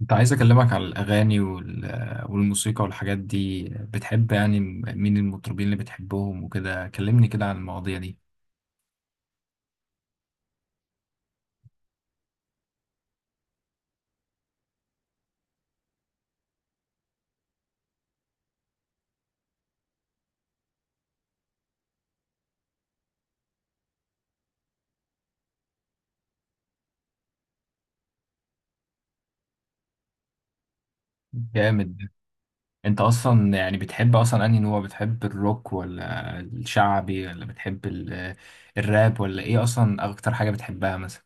كنت عايز أكلمك على الأغاني والموسيقى والحاجات دي، بتحب يعني مين المطربين اللي بتحبهم وكده؟ كلمني كده عن المواضيع دي. جامد. أنت أصلا يعني بتحب أصلا أنهي نوع؟ بتحب الروك ولا الشعبي ولا بتحب الراب ولا إيه؟ أصلا أكتر حاجة بتحبها مثلا؟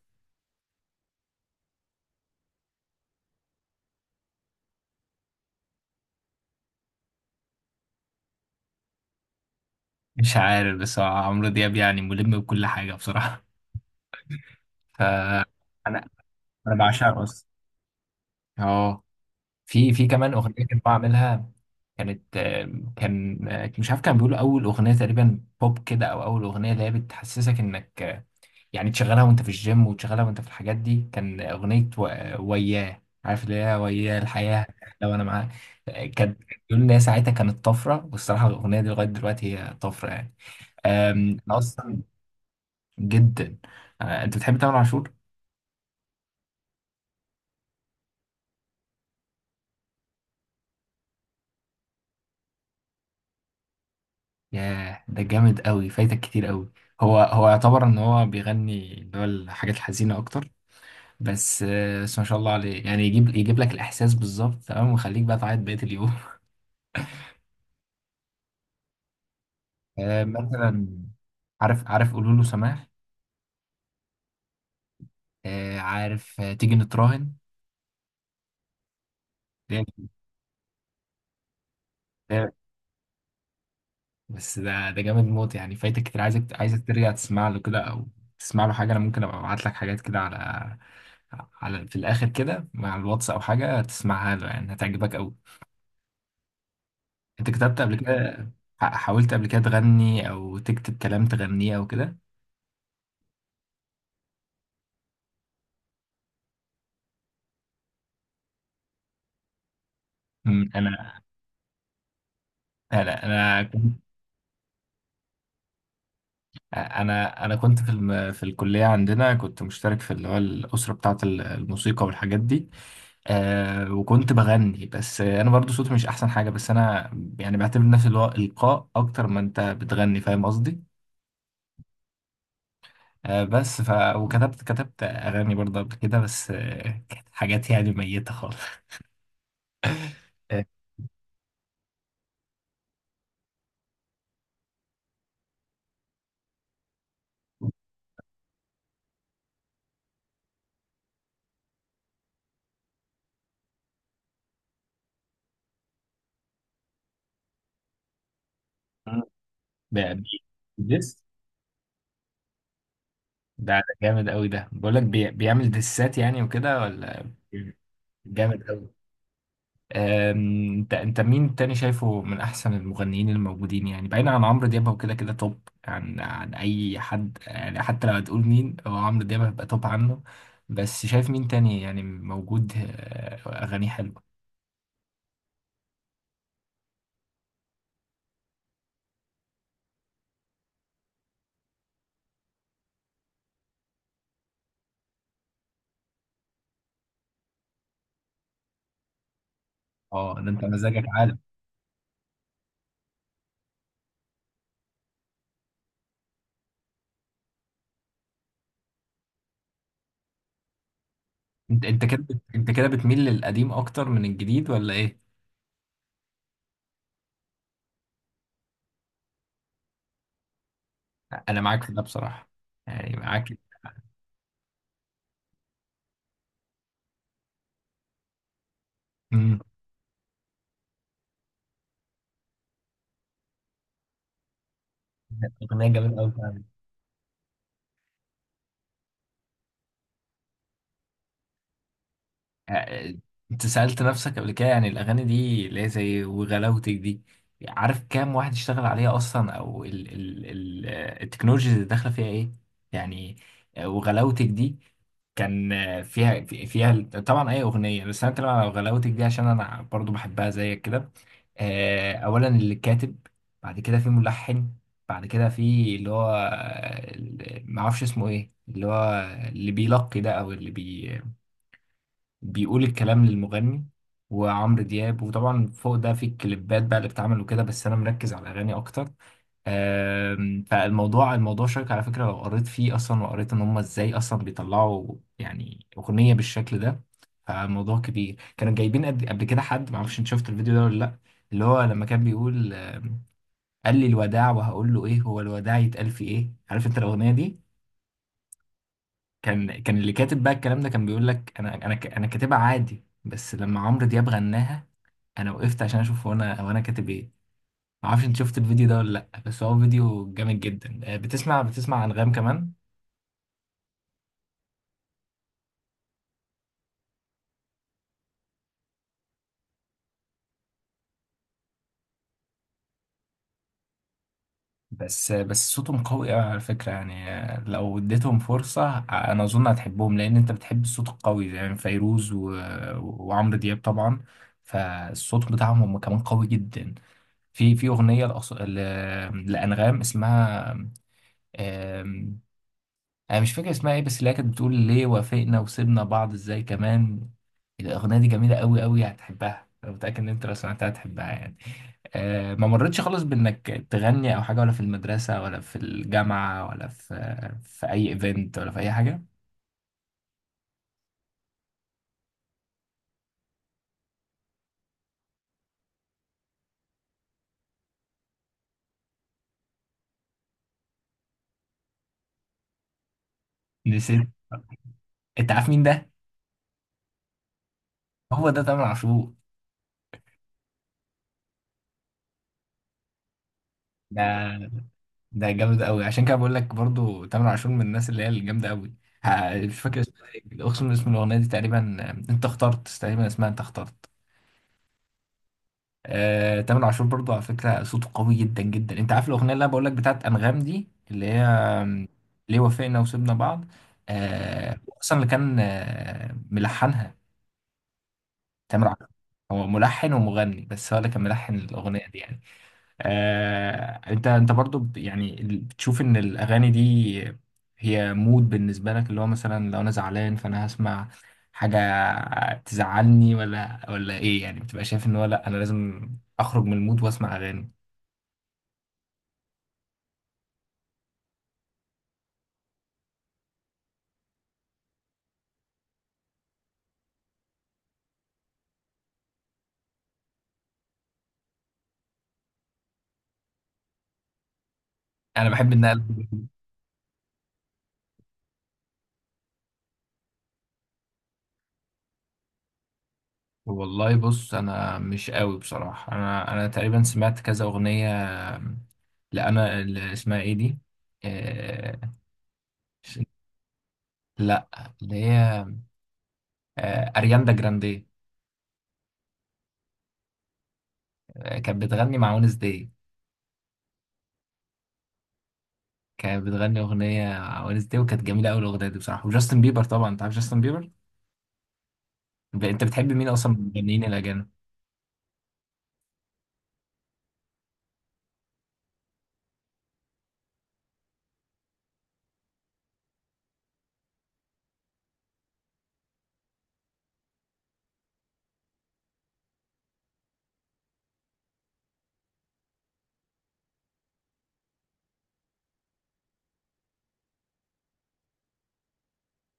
مش عارف، بس هو عمرو دياب يعني ملم بكل حاجة بصراحة. فأنا أنا بعشقه أصلا. أه. في كمان أغنية كنت بعملها. كانت آه، كان آه، مش عارف، كان بيقولوا اول اغنيه تقريبا بوب كده، او اول اغنيه اللي هي بتحسسك انك يعني تشغلها وانت في الجيم، وتشغلها وانت في الحاجات دي. كان اغنيه وياه، عارف اللي هي وياه الحياه، لو انا معاك. كانت، بيقول ان هي ساعتها كانت طفره، والصراحه الاغنيه دي لغايه دلوقتي هي طفره يعني. انا اصلا. جدا. انت بتحب تامر عاشور؟ ياه ده جامد قوي، فايتك كتير قوي. هو يعتبر ان هو بيغني اللي هو الحاجات الحزينه اكتر، بس ما شاء الله عليه يعني، يجيب لك الاحساس بالظبط تمام، ويخليك بقى تعيط بقيه اليوم. مثلا. عارف قولوا له سماح. عارف، تيجي نتراهن. ده- ده- بس ده جامد موت يعني، فايتك كتير، عايزك ترجع تسمع له كده، او تسمع له حاجه. انا ممكن ابقى ابعت لك حاجات كده على في الاخر كده مع الواتس او حاجه، تسمعها له يعني هتعجبك قوي. انت كتبت قبل كده؟ حاولت قبل كده تغني او تكتب كلام تغنيه او كده؟ أمم، انا انا انا انا انا كنت في الكليه عندنا، كنت مشترك في اللي هو الاسره بتاعه الموسيقى والحاجات دي. آه، وكنت بغني، بس انا برضو صوتي مش احسن حاجه، بس انا يعني بعتبر نفسي اللي هو القاء اكتر ما انت بتغني، فاهم قصدي؟ بس وكتبت اغاني برضه قبل كده، بس كانت حاجات يعني ميته خالص. آه، بقى ديس. ده جامد قوي، ده بقول لك بيعمل ديسات يعني وكده ولا؟ جامد قوي. آم، انت انت مين تاني شايفه من احسن المغنيين الموجودين، يعني بعيدا عن عمرو دياب هو كده كده توب عن اي حد يعني، حتى لو هتقول مين؟ هو عمرو دياب هيبقى توب عنه، بس شايف مين تاني يعني موجود اغانيه حلوه؟ اه، ده انت مزاجك عالي. انت كده بتميل للقديم اكتر من الجديد ولا ايه؟ انا معاك في ده بصراحه، يعني معاك. امم. اغنيه جميله قوي. آه، انت سألت نفسك قبل كده يعني الأغاني دي اللي هي زي وغلاوتك دي، عارف كام واحد اشتغل عليها أصلا؟ أو ال ال ال آه، التكنولوجيا اللي داخلة فيها إيه يعني؟ وغلاوتك دي كان فيها طبعا أي أغنية، بس أنا بتكلم على وغلاوتك دي عشان أنا برضو بحبها زيك كده. أولا اللي كاتب، بعد كده في ملحن، بعد كده في اللي هو، معرفش اسمه إيه اللي هو، اللي بيلقي ده، أو اللي بيقول الكلام للمغني، وعمرو دياب، وطبعا فوق ده في الكليبات بقى اللي بتتعمل وكده، بس انا مركز على الاغاني اكتر. فالموضوع شيق على فكره، لو قريت فيه اصلا، وقريت ان هم ازاي اصلا بيطلعوا يعني اغنيه بالشكل ده، فالموضوع كبير. كانوا جايبين قبل كده حد، معرفش انت شفت الفيديو ده ولا لا، اللي هو لما كان بيقول قال لي الوداع، وهقول له ايه؟ هو الوداع يتقال في ايه؟ عارف انت الاغنيه دي؟ كان اللي كاتب بقى الكلام ده كان بيقول لك انا انا كاتبها عادي، بس لما عمرو دياب غناها، انا وقفت عشان اشوف هو انا، هو انا كاتب ايه. ما اعرفش انت شفت الفيديو ده ولا لا، بس هو فيديو جامد جدا. بتسمع انغام كمان؟ بس صوتهم قوي قوي على فكره يعني، لو اديتهم فرصه، انا اظن هتحبهم، لان انت بتحب الصوت القوي زي يعني فيروز وعمرو دياب طبعا، فالصوت بتاعهم هم كمان قوي جدا. في اغنيه لانغام، اسمها، انا مش فاكر اسمها ايه، بس اللي هي كانت بتقول ليه وافقنا وسيبنا بعض ازاي كمان. الاغنيه دي جميله قوي قوي، هتحبها، انا متاكد ان انت لو سمعتها هتحبها يعني. أه، ما مرتش خالص بانك تغني او حاجه، ولا في المدرسه، ولا في الجامعه، ولا في اي ايفنت، ولا في اي حاجه؟ نسيت. انت عارف مين ده؟ هو ده تامر عاشور. ده ده جامد قوي، عشان كده بقول لك برضو تامر عاشور من الناس اللي هي الجامده قوي. مش فاكر اسمها ايه، اقسم، اسم الاغنيه دي تقريبا انت اخترت، تقريبا اسمها انت اخترت. تامر عاشور برضو على فكرة صوته قوي جدا جدا. انت عارف الأغنية اللي انا بقول لك بتاعت أنغام دي اللي هي ليه وافقنا وسيبنا بعض؟ هو اصلا اللي كان ملحنها تامر عاشور. هو ملحن ومغني، بس هو اللي كان ملحن الأغنية دي يعني. انت برضو بتشوف ان الاغاني دي هي مود بالنسبه لك، اللي هو مثلا لو انا زعلان، فانا هسمع حاجه تزعلني ولا ايه؟ يعني بتبقى شايف ان هو، لا، انا لازم اخرج من المود واسمع اغاني؟ انا بحب ان أقلب. والله بص، انا مش قوي بصراحه، انا انا تقريبا سمعت كذا اغنيه، لا، انا اللي اسمها ايه دي، آه، لا، اللي هي ارياندا جراندي. كانت بتغني مع ونس داي. كانت بتغني اغنيه مع ونس داي، وكانت جميله قوي الاغنيه دي بصراحه، وجاستن بيبر. طبعا انت عارف جاستن بيبر. انت بتحب مين اصلا من المغنيين الاجانب؟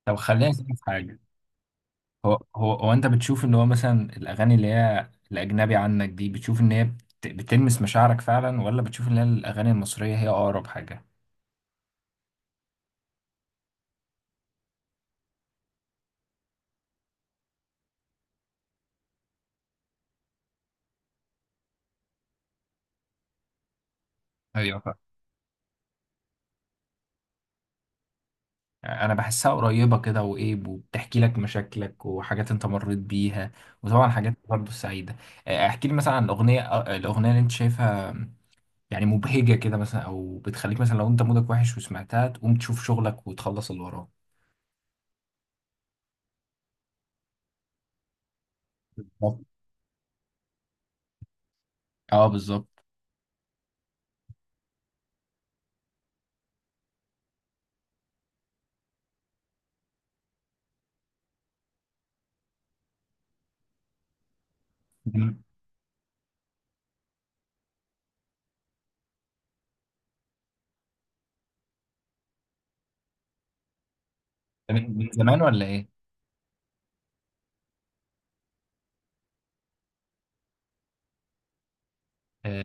طب خلينا نسالك في حاجه، هو هو هو انت بتشوف ان هو مثلا الاغاني اللي هي الاجنبي عنك دي، بتشوف ان هي بتلمس مشاعرك فعلا، ولا بتشوف ان هي الاغاني المصريه هي اقرب حاجه؟ ايوه. انا بحسها قريبه كده، وايه، وبتحكي لك مشاكلك وحاجات انت مريت بيها، وطبعا حاجات برضه سعيده. احكي لي مثلا عن الاغنيه، الاغنيه اللي انت شايفها يعني مبهجه كده مثلا، او بتخليك مثلا لو انت مودك وحش وسمعتها تقوم تشوف شغلك وتخلص اللي وراك. بالظبط. اه بالظبط. من من زمان ولا ايه؟ آه،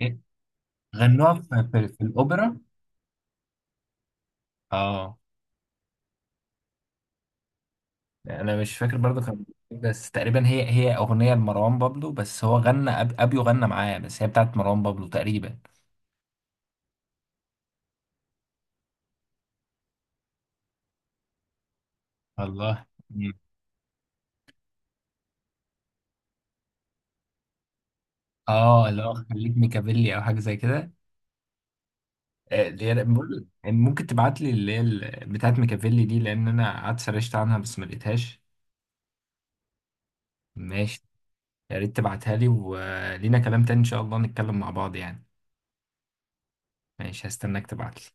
إيه؟ غنوها في الاوبرا؟ اه، انا مش فاكر برضه كان، بس تقريبا هي هي اغنيه لمروان بابلو، بس هو غنى، ابيو غنى معاه، بس هي بتاعت مروان بابلو تقريبا. الله. مم. اه، اللي هو خليك ميكافيلي او حاجه زي كده؟ اللي هي بقول ممكن تبعت لي اللي هي بتاعت ميكافيلي دي، لان انا قعدت سرشت عنها بس ما لقيتهاش. ماشي. يا ريت تبعتها لي، ولينا كلام تاني ان شاء الله نتكلم مع بعض يعني. ماشي، هستناك تبعت لي.